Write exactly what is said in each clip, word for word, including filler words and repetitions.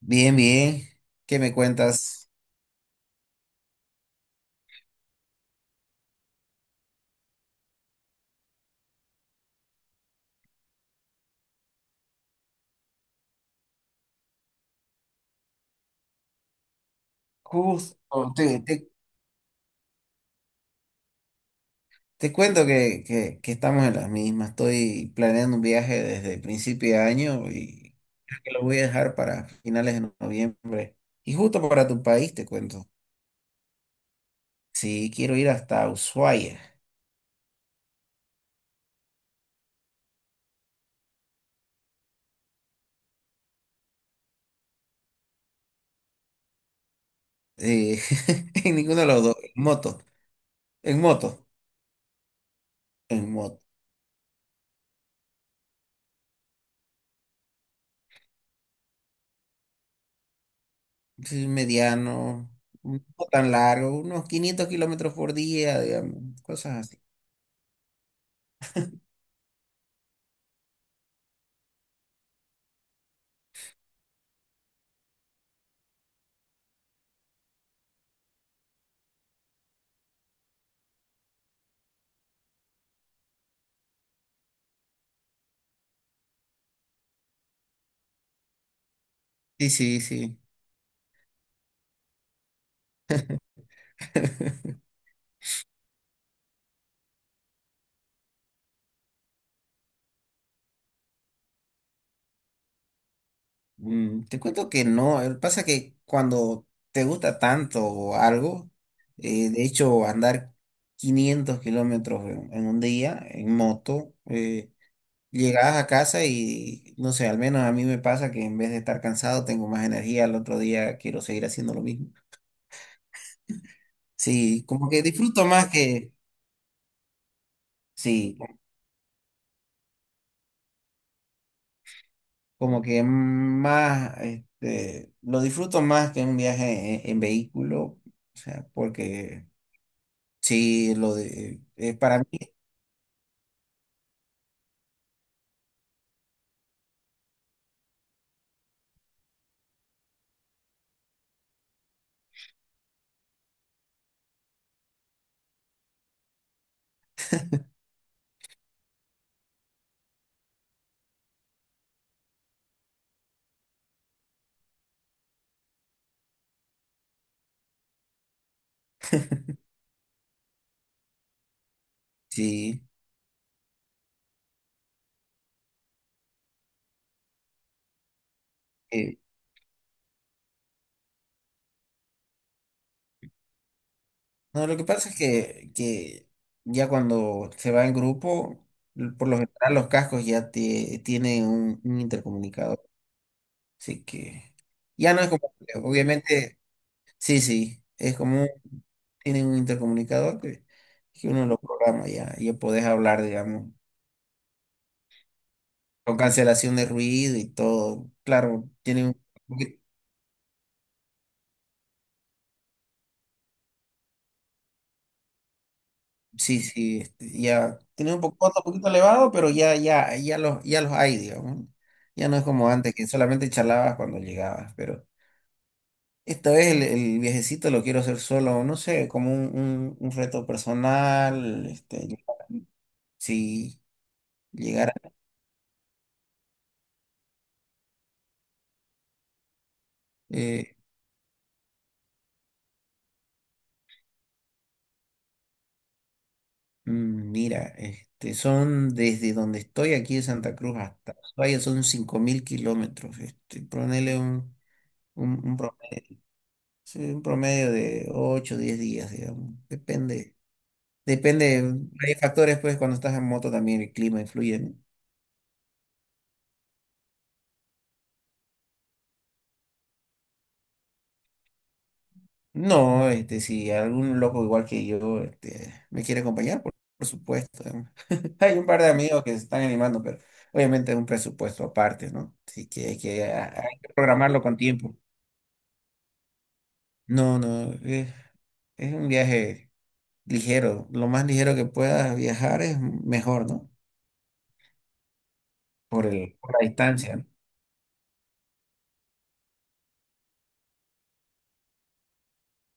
Bien, bien. ¿Qué me cuentas? Justo, te, te- te cuento que, que- que estamos en las mismas. Estoy planeando un viaje desde el principio de año y creo que lo voy a dejar para finales de noviembre. Y justo para tu país, te cuento. Sí, quiero ir hasta Ushuaia. Eh, en ninguno de los dos. En moto. En moto. En moto. Sí, mediano. No tan largo. Unos quinientos kilómetros por día, digamos. Cosas así. Sí, sí, sí. Mm, te cuento que no, eh, pasa que cuando te gusta tanto algo, eh, de hecho andar quinientos kilómetros en, en un día en moto, eh, llegas a casa y no sé, al menos a mí me pasa que en vez de estar cansado tengo más energía, al otro día quiero seguir haciendo lo mismo. Sí, como que disfruto más que, sí, como que más, este, lo disfruto más que un viaje en en vehículo. O sea, porque sí, lo de, eh, para mí, sí. eh, no, lo que pasa es que, que ya cuando se va en grupo, l- por lo general los cascos ya te- tienen un, un intercomunicador. Así que ya no es como, obviamente, sí, sí, es como, un- tienen un intercomunicador que, que uno lo programa ya, ya podés hablar, digamos, con cancelación de ruido y todo. Claro, tienen un... Sí, sí, este, ya tiene un poco, costo un poquito elevado, pero ya, ya, ya los, ya los hay, digamos. Ya no es como antes, que solamente charlabas cuando llegabas, pero esta vez el, el viajecito lo quiero hacer solo, no sé, como un, un- un reto personal, este, si llegara, eh, mm, mira, este, son desde donde estoy aquí de Santa Cruz hasta Ushuaia son cinco mil kilómetros, este, ponele un, un, un promedio, sí, un promedio de ocho, o diez días, digamos, depende. Depende, hay factores, pues cuando estás en moto también el clima influye. No, no, este, si algún loco igual que yo, este, me quiere acompañar, por, por supuesto. ¿No? Hay un par de amigos que se están animando, pero obviamente es un presupuesto aparte, ¿no? Así que hay que, hay que programarlo con tiempo. No, no, es, es un viaje ligero. Lo más ligero que puedas viajar es mejor, ¿no? Por el, por la distancia, ¿no?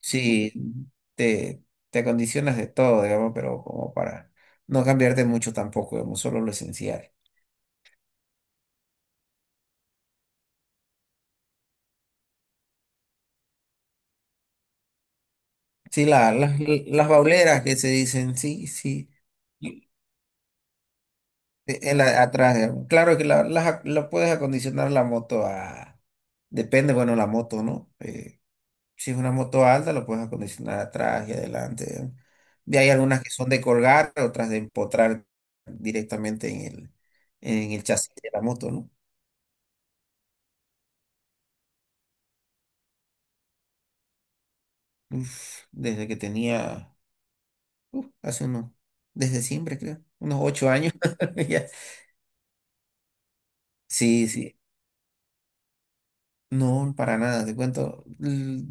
Sí, te, te acondicionas de todo, digamos, pero como para no cambiarte mucho tampoco, digamos, solo lo esencial. Sí, la- las las bauleras que se dicen, sí, sí, y- en la- atrás, digamos. Claro que la, las ac- la puedes acondicionar la moto a, depende, bueno, la moto, ¿no? Eh, si es una moto alta, la puedes acondicionar atrás y adelante, digamos. Y hay algunas que son de colgar, otras de empotrar directamente en el, en el chasis de la moto, ¿no? Uf, desde que tenía, uf, hace unos, desde siempre creo, unos ocho años. Ya. Sí, sí, no, para nada, te cuento. l-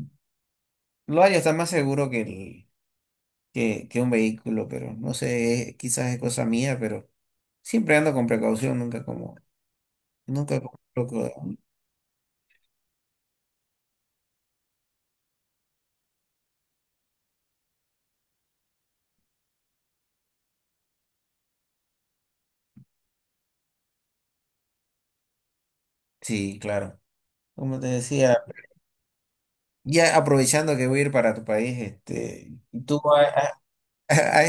Lo hay, está más seguro que, el, que, que un vehículo, pero no sé, eh, quizás es cosa mía, pero siempre ando con precaución, nunca como, nunca como loco. Sí, claro. Como te decía, ya aprovechando que voy a ir para tu país, este, ¿tú ha- ha- ha-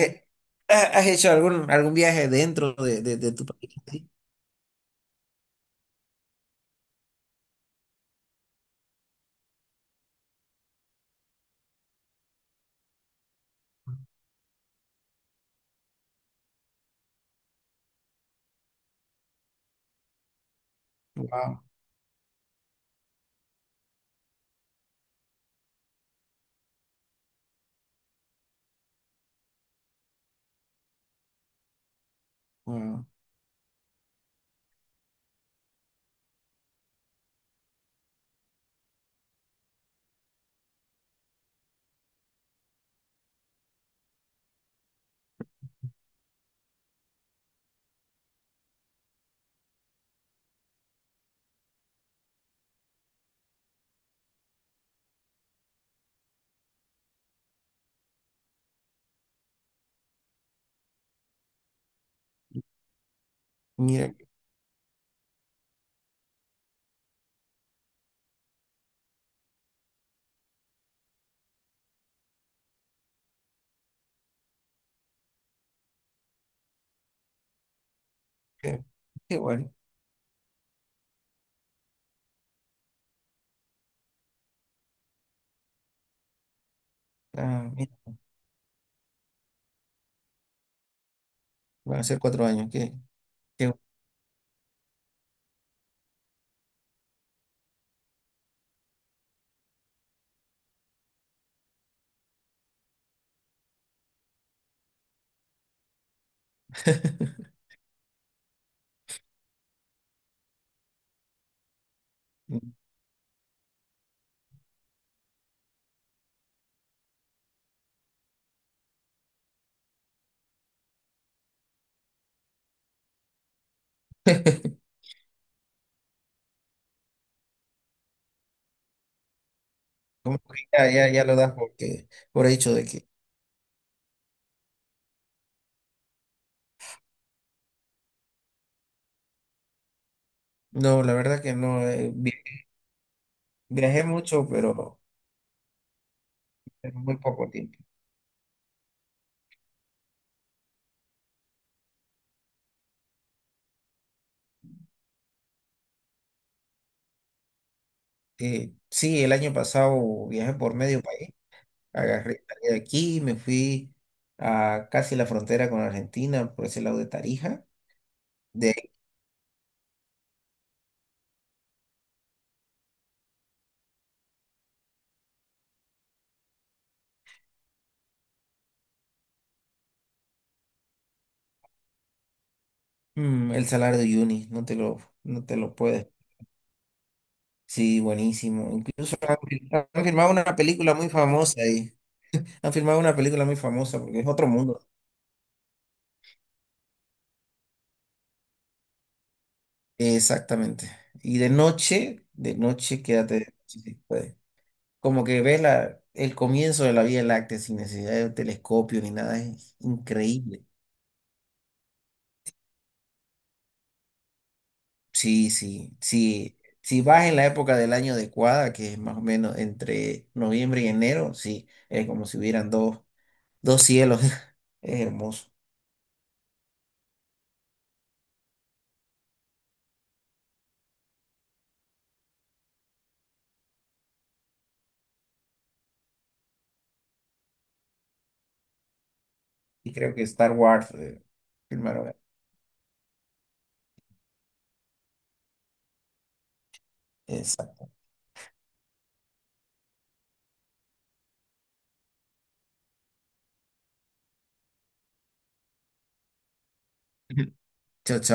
has, has hecho algún, algún viaje dentro de, de de tu país? Wow, wow. Mira, qué, qué bueno. Ah, mira, van a ser cuatro años. Qué, qué bueno. Como que ya, ya, ya lo das porque, por hecho de que. No, la verdad que no. Eh, vi- viajé mucho, pero en muy poco tiempo. Eh, sí, el año pasado viajé por medio país. Agarré, salí de aquí, y me fui a casi la frontera con Argentina, por ese lado de Tarija. De ahí, mm, el salario de Uyuni, no te lo, no te lo puedes sí, buenísimo. Incluso han, fil- han filmado una película muy famosa ahí. Han filmado una película muy famosa porque es otro mundo. Exactamente. Y de noche, de noche, quédate si se puede. Como que ves la, el comienzo de la Vía Láctea sin necesidad de telescopio ni nada. Es increíble. Sí, sí, sí. Si vas en la época del año adecuada, que es más o menos entre noviembre y enero, sí, es como si hubieran dos, dos cielos. Es hermoso. Y creo que Star Wars eh, primero. eh, Exacto. Chao, chao.